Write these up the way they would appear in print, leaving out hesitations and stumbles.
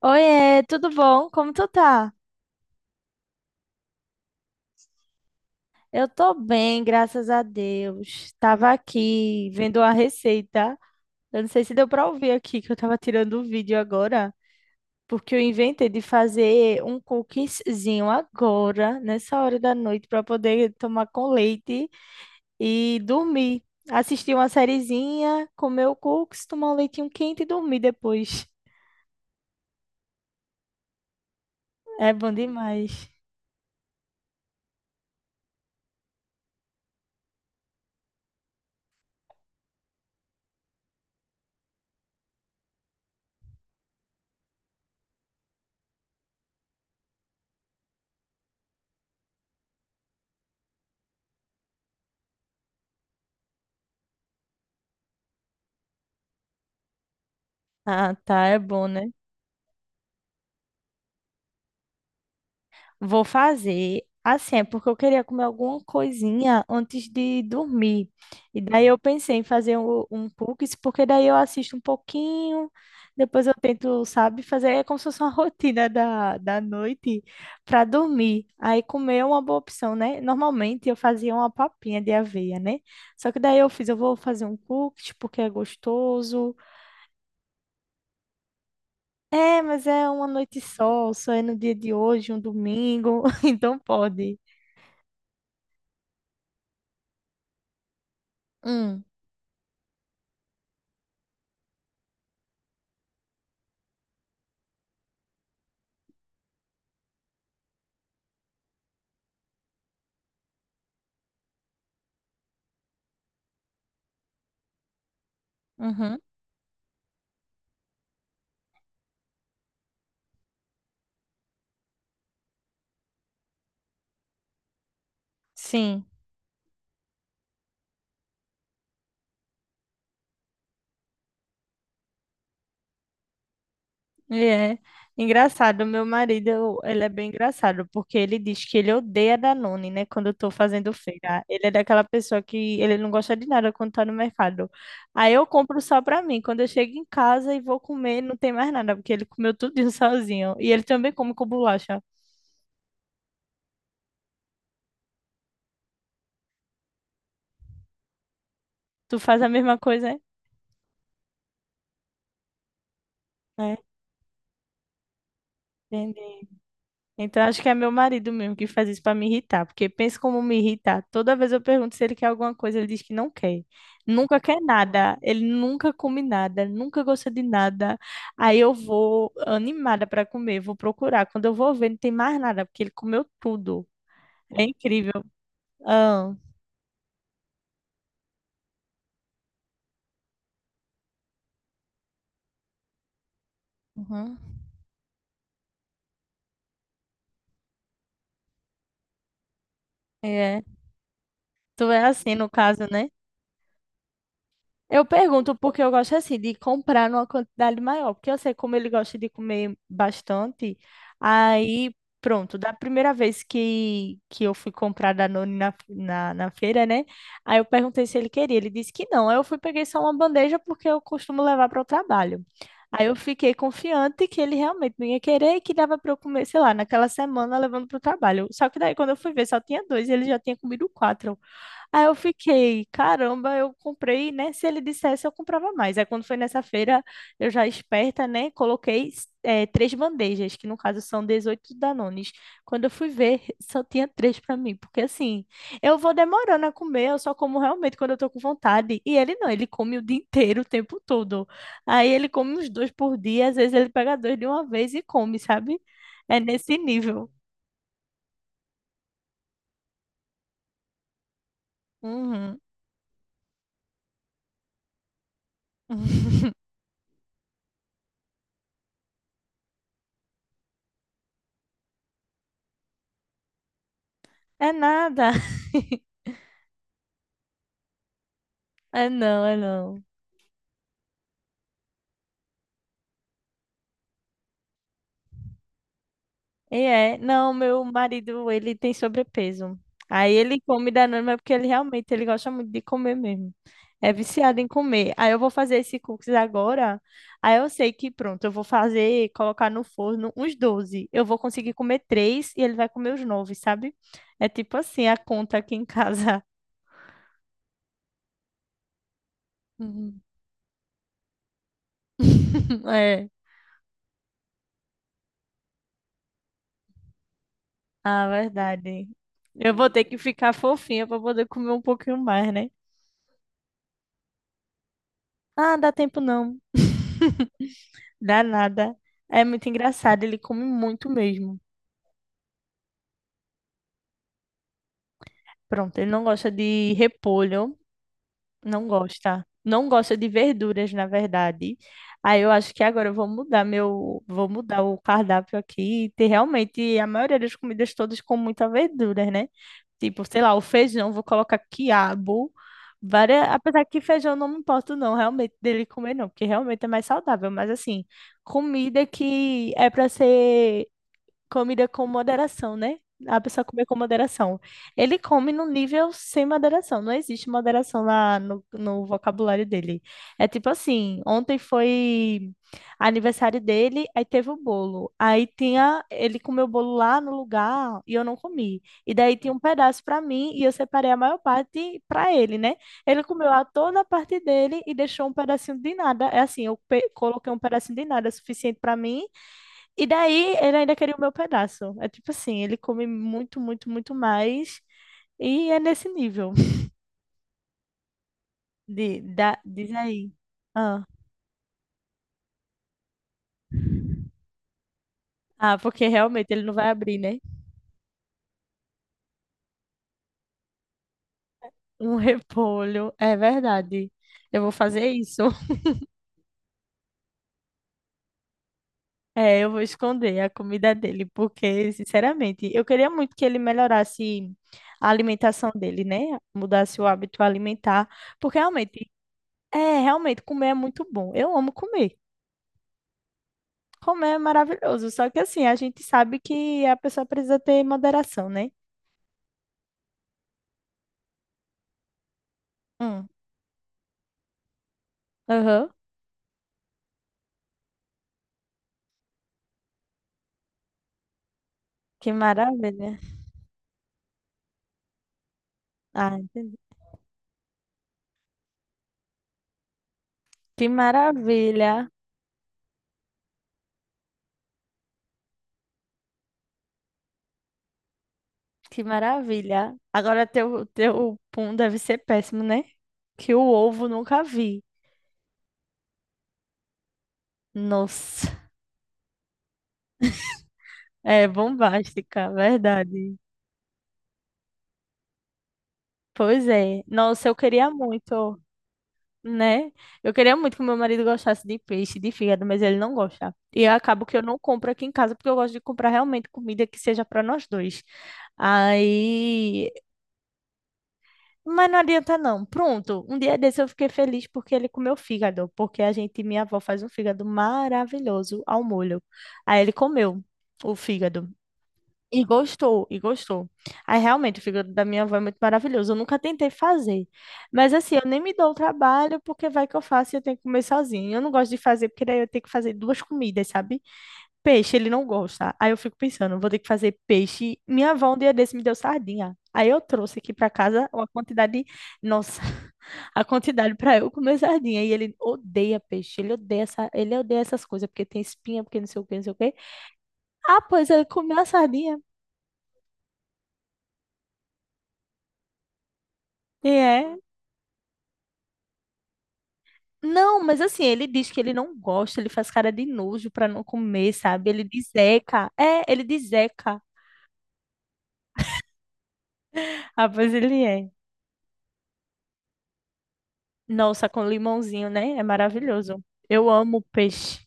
Oiê, tudo bom? Como tu tá? Eu tô bem, graças a Deus. Tava aqui vendo a receita. Eu não sei se deu pra ouvir aqui que eu tava tirando o vídeo agora, porque eu inventei de fazer um cookiezinho agora, nessa hora da noite, pra poder tomar com leite e dormir. Assistir uma sériezinha, comer o cookies, tomar um leitinho quente e dormir depois. É bom demais. Ah, tá, é bom, né? Vou fazer assim, é porque eu queria comer alguma coisinha antes de dormir. E daí eu pensei em fazer um cookies, porque daí eu assisto um pouquinho, depois eu tento, sabe, fazer é como se fosse uma rotina da noite para dormir. Aí comer é uma boa opção, né? Normalmente eu fazia uma papinha de aveia, né? Só que daí eu fiz, eu vou fazer um cookies porque é gostoso. É, mas é uma noite só, só é no dia de hoje, um domingo, então pode. Hum. Uhum. Sim, ele é engraçado. Meu marido, ele é bem engraçado, porque ele diz que ele odeia Danone, né? Quando eu tô fazendo feira. Ele é daquela pessoa que ele não gosta de nada quando tá no mercado. Aí eu compro só pra mim. Quando eu chego em casa e vou comer, não tem mais nada, porque ele comeu tudo sozinho. E ele também come com bolacha. Tu faz a mesma coisa, é? É, entendi. Então acho que é meu marido mesmo que faz isso para me irritar, porque pensa como me irritar. Toda vez eu pergunto se ele quer alguma coisa, ele diz que não quer. Nunca quer nada, ele nunca come nada, nunca gosta de nada. Aí eu vou animada para comer, vou procurar. Quando eu vou ver, não tem mais nada, porque ele comeu tudo. É incrível. Ah, uhum. É. Tu é assim no caso, né? Eu pergunto porque eu gosto assim de comprar numa quantidade maior, porque eu sei como ele gosta de comer bastante. Aí, pronto, da primeira vez que eu fui comprar Danone na feira, né? Aí eu perguntei se ele queria, ele disse que não. Aí eu fui peguei só uma bandeja porque eu costumo levar para o trabalho. Aí eu fiquei confiante que ele realmente não ia querer e que dava para eu comer, sei lá, naquela semana levando para o trabalho. Só que daí quando eu fui ver, só tinha dois e ele já tinha comido quatro. Aí eu fiquei, caramba, eu comprei, né? Se ele dissesse, eu comprava mais. Aí quando foi nessa feira, eu já esperta, né? Coloquei três bandejas, que no caso são 18 Danones. Quando eu fui ver, só tinha três para mim, porque assim, eu vou demorando a comer, eu só como realmente quando eu tô com vontade. E ele não, ele come o dia inteiro, o tempo todo. Aí ele come uns dois por dia, às vezes ele pega dois de uma vez e come, sabe? É nesse nível. Uhum. É nada. É não, é não. E é, não, meu marido, ele tem sobrepeso. Aí ele come Danone, mas porque ele realmente, ele gosta muito de comer mesmo. É viciado em comer. Aí eu vou fazer esse cookies agora. Aí eu sei que pronto, eu vou fazer, colocar no forno uns 12. Eu vou conseguir comer três e ele vai comer os nove, sabe? É tipo assim a conta aqui em casa. Uhum. É, a verdade. Eu vou ter que ficar fofinha para poder comer um pouquinho mais, né? Ah, dá tempo não. Dá nada. É muito engraçado, ele come muito mesmo. Pronto, ele não gosta de repolho, não gosta. Não gosta de verduras, na verdade. Aí eu acho que agora eu vou mudar o cardápio aqui e ter realmente a maioria das comidas todas com muita verdura, né? Tipo, sei lá, o feijão, vou colocar quiabo. Várias... Apesar que feijão eu não me importo, não, realmente, dele comer, não, porque realmente é mais saudável. Mas, assim, comida que é para ser Comida com moderação, né? A pessoa comer com moderação. Ele come num nível sem moderação. Não existe moderação lá no vocabulário dele. É tipo assim, ontem foi aniversário dele, aí teve o bolo. Aí tinha, ele comeu o bolo lá no lugar e eu não comi. E daí tinha um pedaço pra mim e eu separei a maior parte pra ele, né? Ele comeu a toda a parte dele e deixou um pedacinho de nada. É assim, eu pe- coloquei um pedacinho de nada suficiente pra mim e daí ele ainda queria o meu pedaço. É tipo assim, ele come muito, muito, muito mais. E é nesse nível diz aí. Ah, ah, porque realmente ele não vai abrir, né? Um repolho, é verdade. Eu vou fazer isso. É, eu vou esconder a comida dele, porque, sinceramente, eu queria muito que ele melhorasse a alimentação dele, né? Mudasse o hábito alimentar, porque realmente, é, realmente comer é muito bom. Eu amo comer. Comer é maravilhoso, só que assim, a gente sabe que a pessoa precisa ter moderação, né? Hum, aham. Que maravilha. Ah, entendi. Que maravilha. Que maravilha. Agora teu, teu pum deve ser péssimo, né? Que o ovo nunca vi. Nossa, é bombástica, verdade. Pois é. Nossa, eu queria muito. Né? Eu queria muito que meu marido gostasse de peixe, de fígado, mas ele não gosta. E eu acabo que eu não compro aqui em casa, porque eu gosto de comprar realmente comida que seja para nós dois. Aí. Mas não adianta não. Pronto, um dia desse eu fiquei feliz porque ele comeu fígado, porque a gente, minha avó, faz um fígado maravilhoso ao molho. Aí ele comeu o fígado. E gostou, e gostou. Aí realmente o fígado da minha avó é muito maravilhoso. Eu nunca tentei fazer. Mas assim, eu nem me dou o trabalho, porque vai que eu faço e eu tenho que comer sozinha. Eu não gosto de fazer, porque daí eu tenho que fazer duas comidas, sabe? Peixe, ele não gosta. Aí eu fico pensando, vou ter que fazer peixe. Minha avó um dia desse me deu sardinha. Aí eu trouxe aqui pra casa uma quantidade, nossa, a quantidade pra eu comer sardinha. E ele odeia peixe, ele odeia essas coisas, porque tem espinha, porque não sei o que, não sei o quê. Ah, pois ele comeu a sardinha. E é. Não, mas assim, ele diz que ele não gosta, ele faz cara de nojo pra não comer, sabe? Ele diz Zeca. É, ele diz Zeca. Ah, pois ele é. Nossa, com limãozinho, né? É maravilhoso. Eu amo peixe.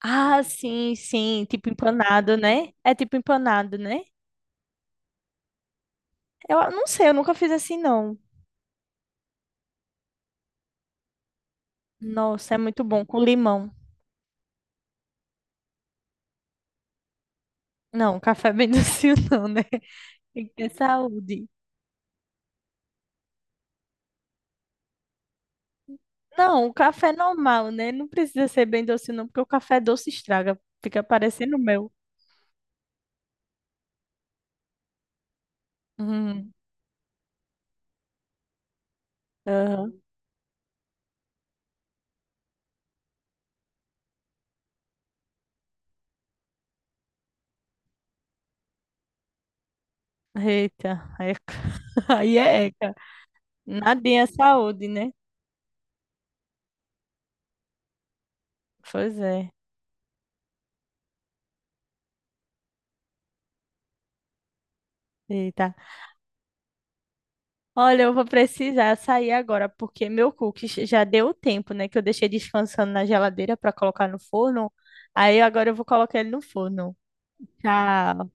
Ah, sim, sim. Tipo empanado, né? É tipo empanado, né? Eu ah, não sei, eu nunca fiz assim, não. Nossa, é muito bom com limão. Não, café bem docinho, não, né? Tem que ter saúde. Não, o café é normal, né? Não precisa ser bem doce, não, porque o café doce estraga. Fica parecendo o meu. Uhum. Aham. Eita, eca. Aí é eca. Nadinha é saúde, né? Pois é. Eita. Olha, eu vou precisar sair agora, porque meu cookies já deu o tempo, né? Que eu deixei descansando na geladeira para colocar no forno. Aí agora eu vou colocar ele no forno. Tchau.